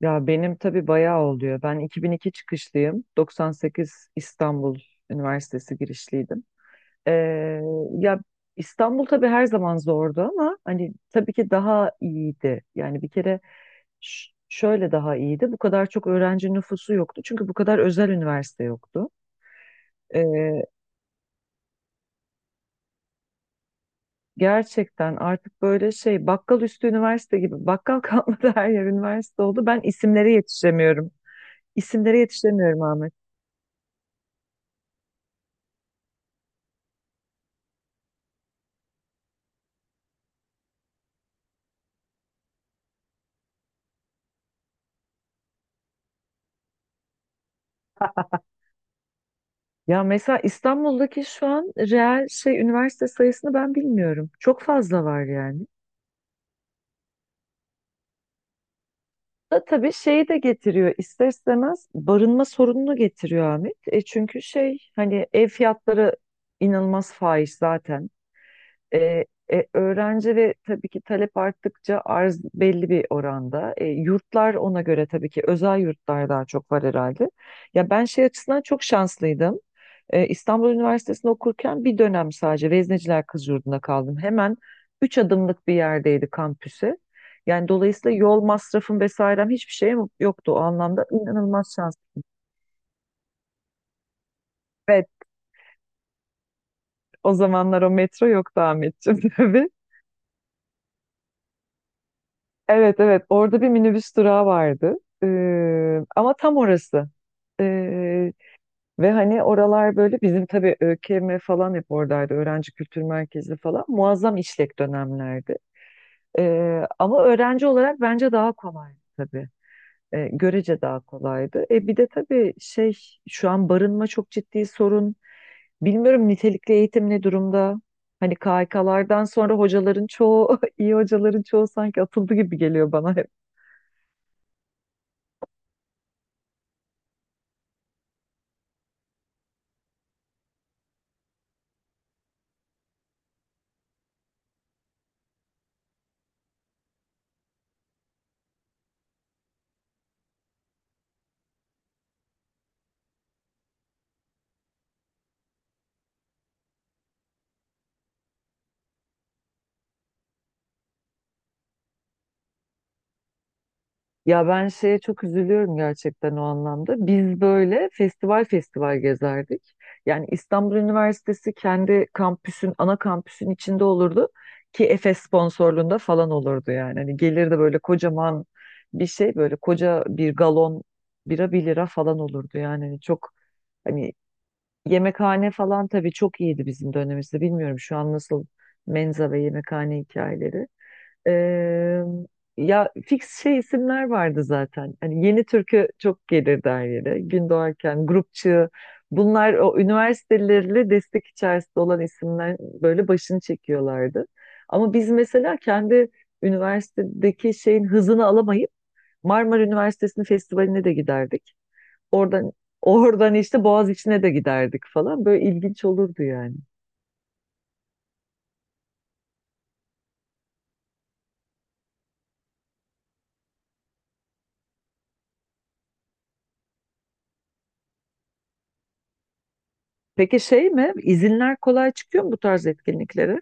Ya benim tabii bayağı oluyor. Ben 2002 çıkışlıyım. 98 İstanbul Üniversitesi girişliydim. Ee, ya İstanbul tabii her zaman zordu ama hani tabii ki daha iyiydi. Yani bir kere şöyle daha iyiydi. Bu kadar çok öğrenci nüfusu yoktu. Çünkü bu kadar özel üniversite yoktu. Ee, Gerçekten artık böyle şey bakkal üstü üniversite gibi bakkal kalmadı her yer üniversite oldu. Ben isimlere yetişemiyorum. İsimlere yetişemiyorum. Ya mesela İstanbul'daki şu an reel şey üniversite sayısını ben bilmiyorum. Çok fazla var yani. Da tabii şeyi de getiriyor, ister istemez barınma sorununu getiriyor Ahmet. E çünkü şey hani ev fiyatları inanılmaz fahiş zaten. E, Öğrenci ve tabii ki talep arttıkça arz belli bir oranda. Yurtlar ona göre tabii ki özel yurtlar daha çok var herhalde. Ya ben şey açısından çok şanslıydım. İstanbul Üniversitesi'nde okurken bir dönem sadece Vezneciler Kız Yurdu'nda kaldım. Hemen 3 adımlık bir yerdeydi kampüsü. Yani dolayısıyla yol masrafım vesairem hiçbir şeyim yoktu o anlamda. İnanılmaz şans. Evet, o zamanlar o metro yoktu Ahmetciğim. Evet, evet, orada bir minibüs durağı vardı. Ama tam orası. Ee, Ve hani oralar böyle bizim tabii ÖKM falan hep oradaydı. Öğrenci Kültür Merkezi falan. Muazzam işlek dönemlerdi. Ama öğrenci olarak bence daha kolaydı tabii. Görece daha kolaydı. Bir de tabii şey şu an barınma çok ciddi sorun. Bilmiyorum, nitelikli eğitim ne durumda? Hani KHK'lardan sonra hocaların çoğu, iyi hocaların çoğu sanki atıldı gibi geliyor bana. Ya ben şeye çok üzülüyorum gerçekten o anlamda. Biz böyle festival festival gezerdik. Yani İstanbul Üniversitesi kendi kampüsün, ana kampüsün içinde olurdu ki Efes sponsorluğunda falan olurdu yani. Hani gelirdi böyle kocaman bir şey, böyle koca bir galon bira 1 lira falan olurdu yani. Hani çok hani yemekhane falan tabii çok iyiydi bizim dönemimizde. Bilmiyorum şu an nasıl menza ve yemekhane hikayeleri. Eee, Ya fix şey isimler vardı zaten. Hani yeni türkü çok gelirdi her yere. Gün doğarken, grupçı. Bunlar o üniversitelerle destek içerisinde olan isimler böyle başını çekiyorlardı. Ama biz mesela kendi üniversitedeki şeyin hızını alamayıp Marmara Üniversitesi'nin festivaline de giderdik. Oradan oradan işte Boğaziçi'ne de giderdik falan. Böyle ilginç olurdu yani. Peki şey mi? İzinler kolay çıkıyor mu bu tarz etkinliklere?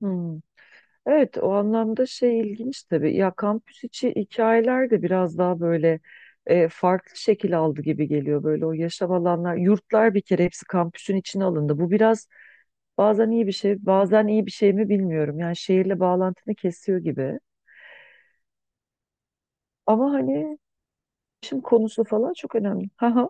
Hmm. Evet, o anlamda şey ilginç tabii. Ya kampüs içi hikayeler de biraz daha böyle farklı şekil aldı gibi geliyor. Böyle o yaşam alanlar, yurtlar, bir kere hepsi kampüsün içine alındı. Bu biraz bazen iyi bir şey, bazen iyi bir şey mi bilmiyorum. Yani şehirle bağlantını kesiyor gibi. Ama hani şimdi konusu falan çok önemli. Haha.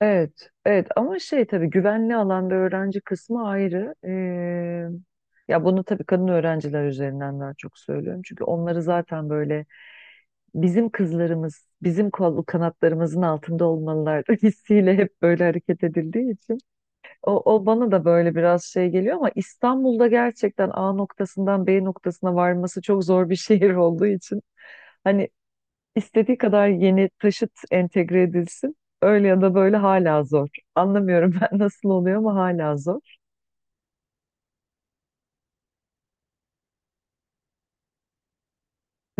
Evet, evet ama şey tabii güvenli alanda öğrenci kısmı ayrı. Ya bunu tabii kadın öğrenciler üzerinden daha çok söylüyorum. Çünkü onları zaten böyle bizim kızlarımız, bizim kol kanatlarımızın altında olmalılar hissiyle hep böyle hareket edildiği için. O bana da böyle biraz şey geliyor ama İstanbul'da gerçekten A noktasından B noktasına varması çok zor bir şehir olduğu için. Hani İstediği kadar yeni taşıt entegre edilsin. Öyle ya da böyle hala zor. Anlamıyorum ben nasıl oluyor ama hala zor.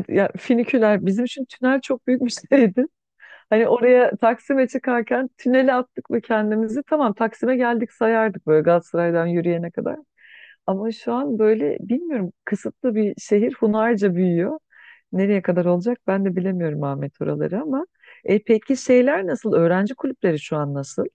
Ya finiküler bizim için tünel çok büyük bir şeydi. Hani oraya Taksim'e çıkarken tünele attık mı kendimizi tamam Taksim'e geldik sayardık böyle Galatasaray'dan yürüyene kadar. Ama şu an böyle bilmiyorum, kısıtlı bir şehir, hunharca büyüyor. Nereye kadar olacak ben de bilemiyorum Ahmet oraları ama. Peki şeyler nasıl? Öğrenci kulüpleri şu an nasıl?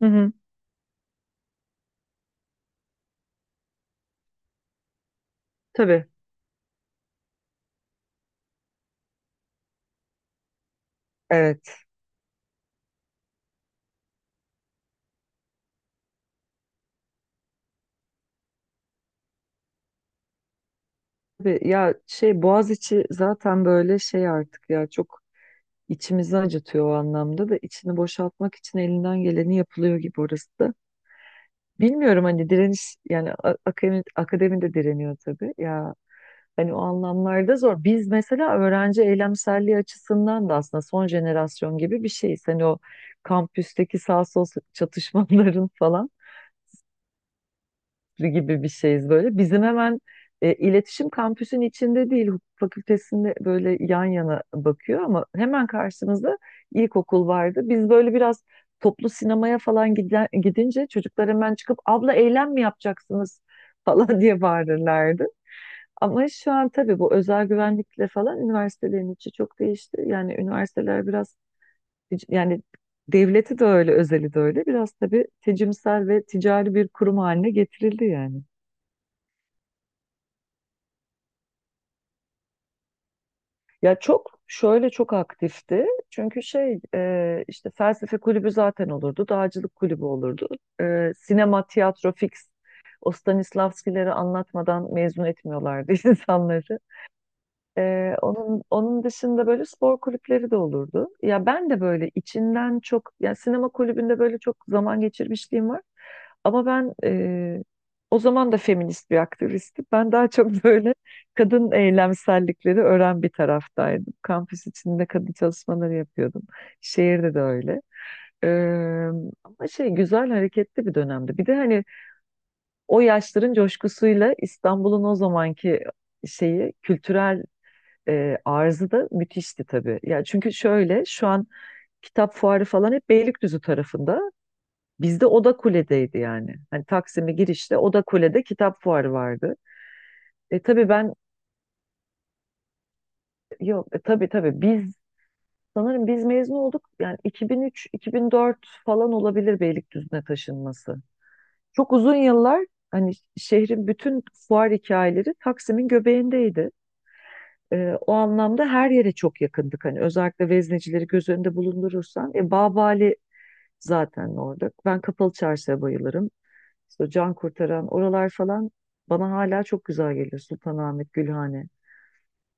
Hı hı, tabii. Evet. Tabii ya şey Boğaziçi zaten böyle şey artık ya çok içimizi acıtıyor o anlamda da, içini boşaltmak için elinden geleni yapılıyor gibi orası da. Bilmiyorum hani direniş yani akademi de direniyor tabii ya, hani o anlamlarda zor. Biz mesela öğrenci eylemselliği açısından da aslında son jenerasyon gibi bir şeyiz. Hani o kampüsteki sağ sol çatışmaların falan. Gibi bir şeyiz böyle. Bizim hemen iletişim kampüsün içinde değil, hukuk fakültesinde böyle yan yana bakıyor ama hemen karşımızda ilkokul vardı. Biz böyle biraz toplu sinemaya falan giden, gidince çocuklar hemen çıkıp abla eylem mi yapacaksınız falan diye bağırırlardı. Ama şu an tabii bu özel güvenlikle falan üniversitelerin içi çok değişti. Yani üniversiteler biraz yani devleti de öyle, özeli de öyle. Biraz tabii tecimsel ve ticari bir kurum haline getirildi yani. Ya çok şöyle çok aktifti. Çünkü şey işte felsefe kulübü zaten olurdu. Dağcılık kulübü olurdu. E, sinema, tiyatro fix. O Stanislavskileri anlatmadan mezun etmiyorlardı insanları. Onun dışında böyle spor kulüpleri de olurdu. Ya ben de böyle içinden çok yani sinema kulübünde böyle çok zaman geçirmişliğim var. Ama ben o zaman da feminist bir aktivistim. Ben daha çok böyle kadın eylemsellikleri öğren bir taraftaydım. Kampüs içinde kadın çalışmaları yapıyordum. Şehirde de öyle. Ee, Ama şey güzel hareketli bir dönemdi. Bir de hani o yaşların coşkusuyla İstanbul'un o zamanki şeyi kültürel arzı da müthişti tabii. Yani çünkü şöyle şu an kitap fuarı falan hep Beylikdüzü tarafında. Bizde Oda Kule'deydi yani. Hani Taksim'e girişte Oda Kule'de kitap fuarı vardı. E tabii ben yok tabii tabii biz sanırım biz mezun olduk. Yani 2003-2004 falan olabilir Beylikdüzü'ne taşınması. Çok uzun yıllar hani şehrin bütün fuar hikayeleri Taksim'in göbeğindeydi. O anlamda her yere çok yakındık. Hani özellikle veznecileri göz önünde bulundurursan, Babali zaten orada. Ben Kapalı Çarşı'ya bayılırım. İşte Can Kurtaran oralar falan bana hala çok güzel geliyor. Sultanahmet, Gülhane.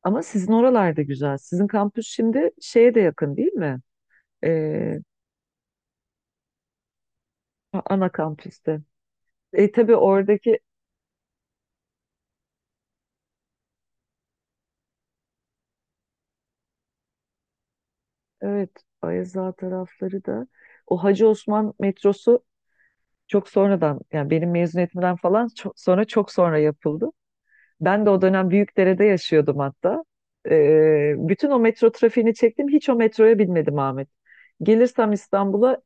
Ama sizin oralar da güzel. Sizin kampüs şimdi şeye de yakın değil mi? Ee, Ana kampüste. E tabii oradaki, evet, Ayaza tarafları da o Hacı Osman metrosu çok sonradan yani benim mezuniyetimden falan çok, sonra çok sonra yapıldı. Ben de o dönem Büyükdere'de yaşıyordum hatta. Bütün o metro trafiğini çektim. Hiç o metroya binmedim Ahmet. Gelirsem İstanbul'a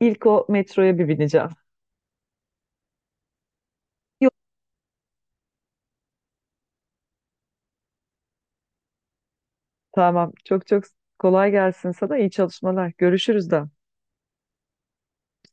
ilk o metroya bir bineceğim. Yok, tamam. Çok çok kolay gelsin sana. İyi çalışmalar. Görüşürüz de.